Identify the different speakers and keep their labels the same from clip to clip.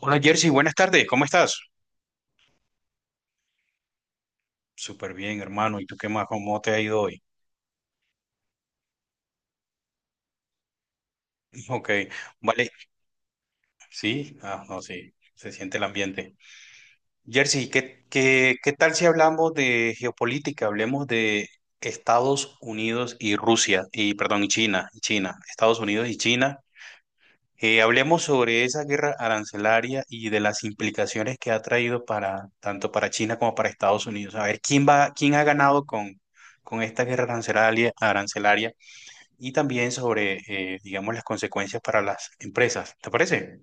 Speaker 1: Hola Jersey, buenas tardes, ¿cómo estás? Súper bien, hermano. ¿Y tú qué más? ¿Cómo te ha ido hoy? Ok, vale. Sí, no, sí, se siente el ambiente. Jersey, ¿ qué tal si hablamos de geopolítica? Hablemos de Estados Unidos y Rusia, y perdón, y China, Estados Unidos y China. Hablemos sobre esa guerra arancelaria y de las implicaciones que ha traído para tanto para China como para Estados Unidos. A ver, ¿ quién ha ganado con esta guerra arancelaria, arancelaria? Y también sobre, digamos, las consecuencias para las empresas. ¿Te parece?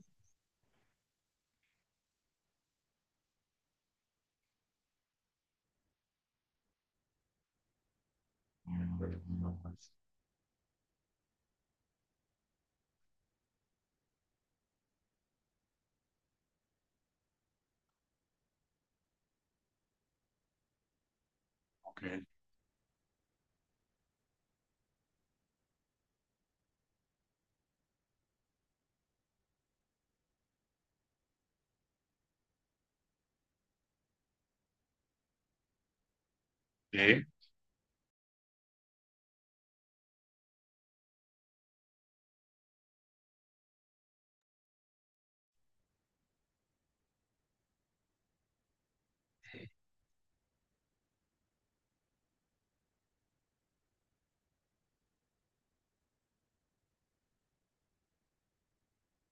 Speaker 1: Ok. Sí.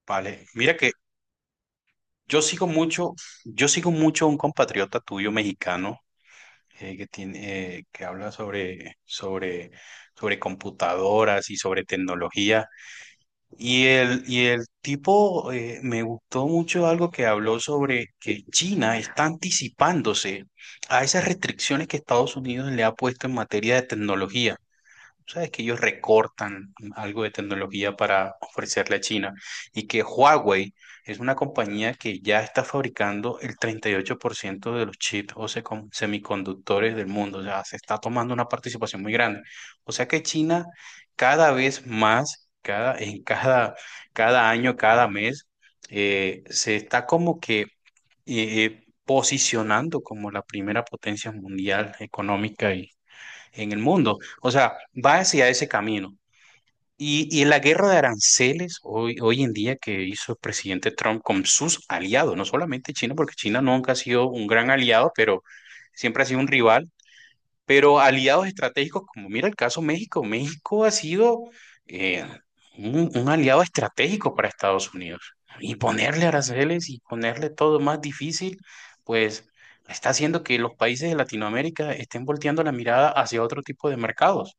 Speaker 1: Vale, mira que yo sigo mucho, yo sigo mucho a un compatriota tuyo mexicano que tiene, que habla sobre computadoras y sobre tecnología. Y el tipo me gustó mucho algo que habló sobre que China está anticipándose a esas restricciones que Estados Unidos le ha puesto en materia de tecnología. Sabes que ellos recortan algo de tecnología para ofrecerle a China y que Huawei es una compañía que ya está fabricando el 38% de los chips o semiconductores del mundo, o sea, se está tomando una participación muy grande. O sea que China cada vez más, cada año, cada mes, se está como que posicionando como la primera potencia mundial económica y en el mundo. O sea, va hacia ese camino. Y la guerra de aranceles hoy, hoy en día que hizo el presidente Trump con sus aliados, no solamente China, porque China nunca ha sido un gran aliado, pero siempre ha sido un rival, pero aliados estratégicos, como mira el caso México, México ha sido eh, un aliado estratégico para Estados Unidos. Y ponerle aranceles y ponerle todo más difícil, pues está haciendo que los países de Latinoamérica estén volteando la mirada hacia otro tipo de mercados.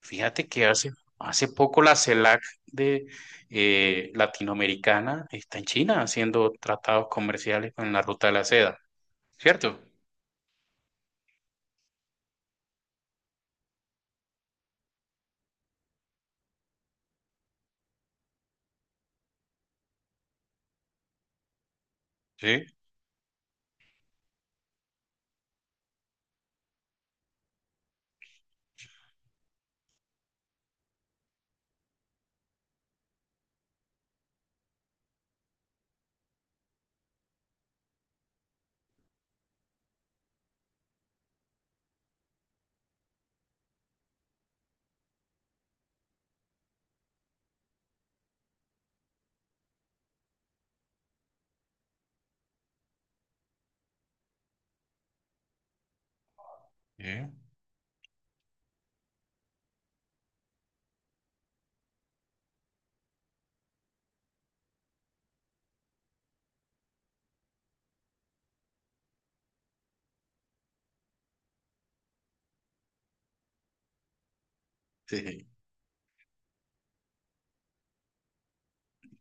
Speaker 1: Fíjate que hace poco la CELAC de latinoamericana está en China haciendo tratados comerciales con la ruta de la seda, ¿cierto? Sí, sí. Sí.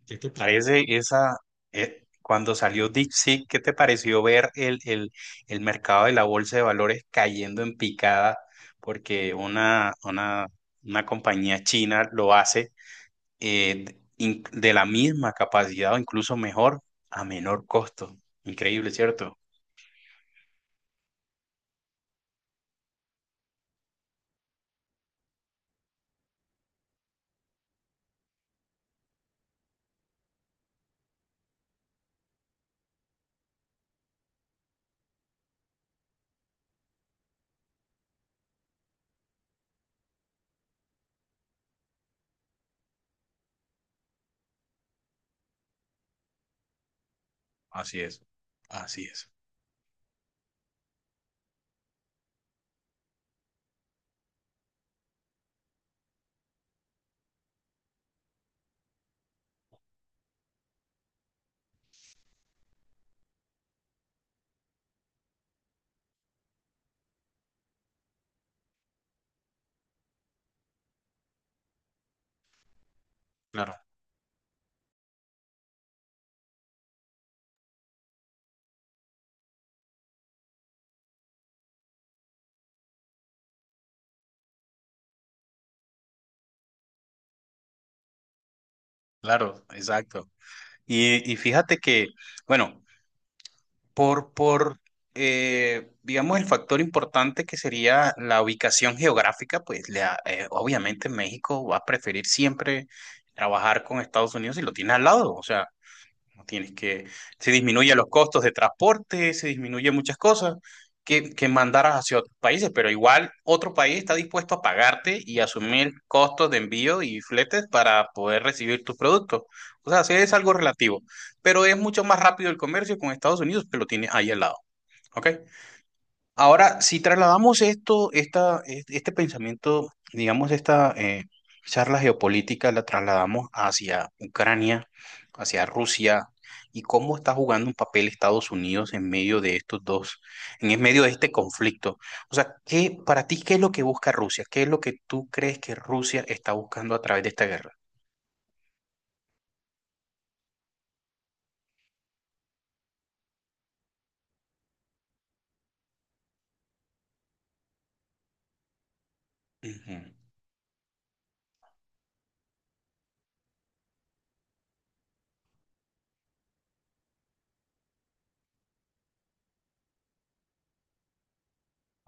Speaker 1: ¿Qué te parece esa, cuando salió DeepSeek, qué te pareció ver el mercado de la bolsa de valores cayendo en picada? Porque una compañía china lo hace de la misma capacidad o incluso mejor a menor costo. Increíble, ¿cierto? Así es, así es. Claro, claro, exacto. Y fíjate que, bueno, por digamos, el factor importante que sería la ubicación geográfica, pues obviamente México va a preferir siempre trabajar con Estados Unidos si lo tiene al lado. O sea, no tienes que, se disminuyen los costos de transporte, se disminuyen muchas cosas que mandaras hacia otros países, pero igual otro país está dispuesto a pagarte y asumir costos de envío y fletes para poder recibir tus productos. O sea, sí es algo relativo, pero es mucho más rápido el comercio con Estados Unidos que lo tienes ahí al lado. ¿Ok? Ahora, si trasladamos esto, este pensamiento, digamos, esta charla geopolítica, la trasladamos hacia Ucrania, hacia Rusia, y cómo está jugando un papel Estados Unidos en medio de estos dos, en el medio de este conflicto. O sea, ¿ para ti, ¿qué es lo que busca Rusia? ¿Qué es lo que tú crees que Rusia está buscando a través de esta guerra? Ujú.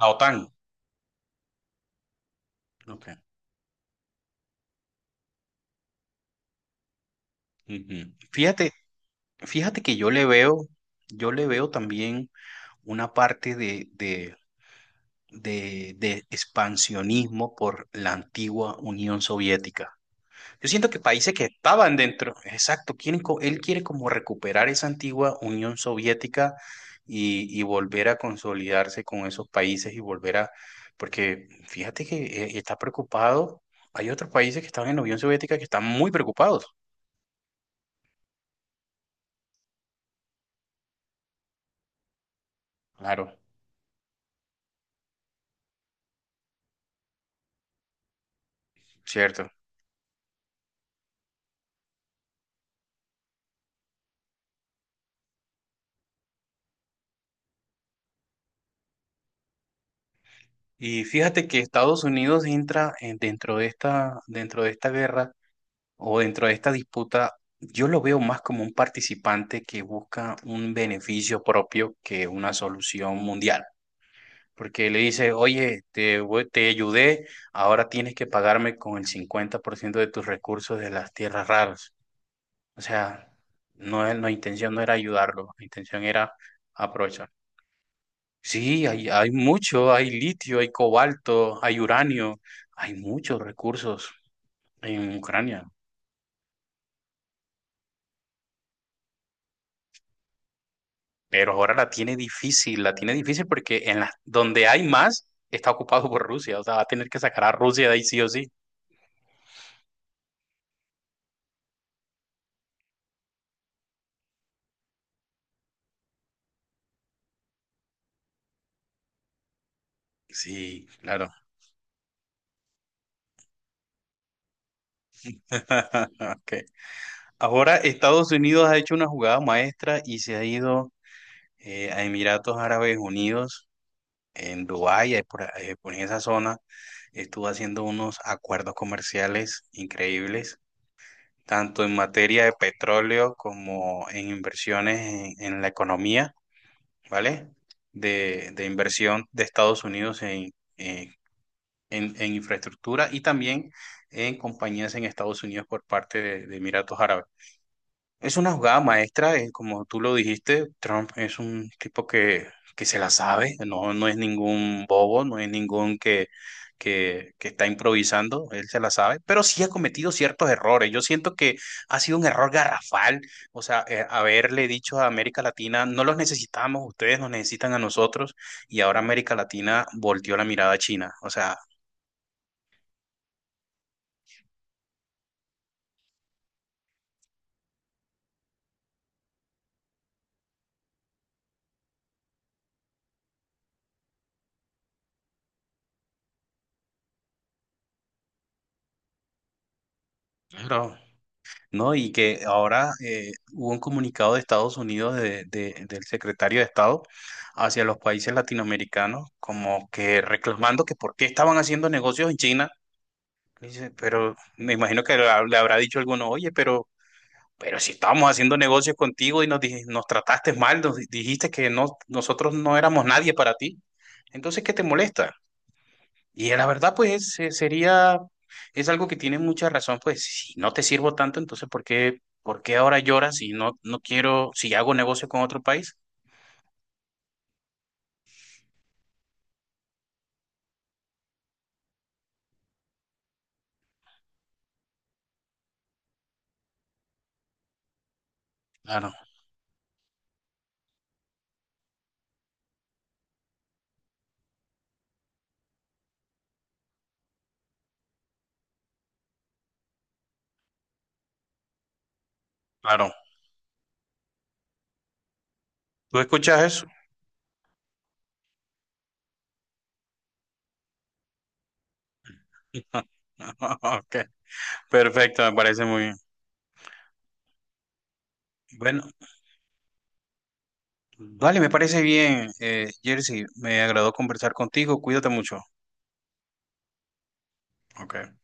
Speaker 1: La OTAN. Ok. Ujú. Fíjate que yo le veo también una parte de expansionismo por la antigua Unión Soviética. Yo siento que países que estaban dentro, exacto, quieren él quiere como recuperar esa antigua Unión Soviética y volver a consolidarse con esos países y volver a, porque fíjate que está preocupado, hay otros países que estaban en la Unión Soviética que están muy preocupados. Claro, cierto. Y fíjate que Estados Unidos dentro de esta guerra o dentro de esta disputa, yo lo veo más como un participante que busca un beneficio propio que una solución mundial. Porque le dice, oye, te ayudé, ahora tienes que pagarme con el 50% de tus recursos de las tierras raras. O sea, no, la intención no era ayudarlo, la intención era aprovechar. Sí, hay mucho, hay litio, hay cobalto, hay uranio, hay muchos recursos en Ucrania. Pero ahora la tiene difícil porque en la, donde hay más está ocupado por Rusia, o sea, va a tener que sacar a Rusia de ahí sí o sí. Sí, claro. Okay. Ahora Estados Unidos ha hecho una jugada maestra y se ha ido a Emiratos Árabes Unidos, en Dubái, ahí por esa zona, estuvo haciendo unos acuerdos comerciales increíbles, tanto en materia de petróleo como en inversiones en la economía. ¿Vale? De inversión de Estados Unidos eh, en infraestructura y también en compañías en Estados Unidos por parte de Emiratos Árabes. Es una jugada maestra, como tú lo dijiste, Trump es un tipo que se la sabe, no, no es ningún bobo, no es ningún que, que está improvisando, él se la sabe, pero sí ha cometido ciertos errores. Yo siento que ha sido un error garrafal, o sea, haberle dicho a América Latina, no los necesitamos, ustedes nos necesitan a nosotros, y ahora América Latina volteó la mirada a China. O sea, bro, no, y que ahora hubo un comunicado de Estados Unidos del secretario de Estado hacia los países latinoamericanos, como que reclamando que por qué estaban haciendo negocios en China. Dice, pero me imagino que le habrá dicho alguno, oye, pero si estábamos haciendo negocios contigo y nos trataste mal, dijiste que no, nosotros no éramos nadie para ti, entonces, ¿qué te molesta? Y la verdad, pues es algo que tiene mucha razón, pues si no te sirvo tanto, entonces ¿ por qué ahora lloras si no, no quiero, si hago negocio con otro país? Claro, claro. ¿Tú escuchas eso? Ok, perfecto, me parece muy bien. Bueno, vale, me parece bien, Jersey, me agradó conversar contigo, cuídate mucho. Ok.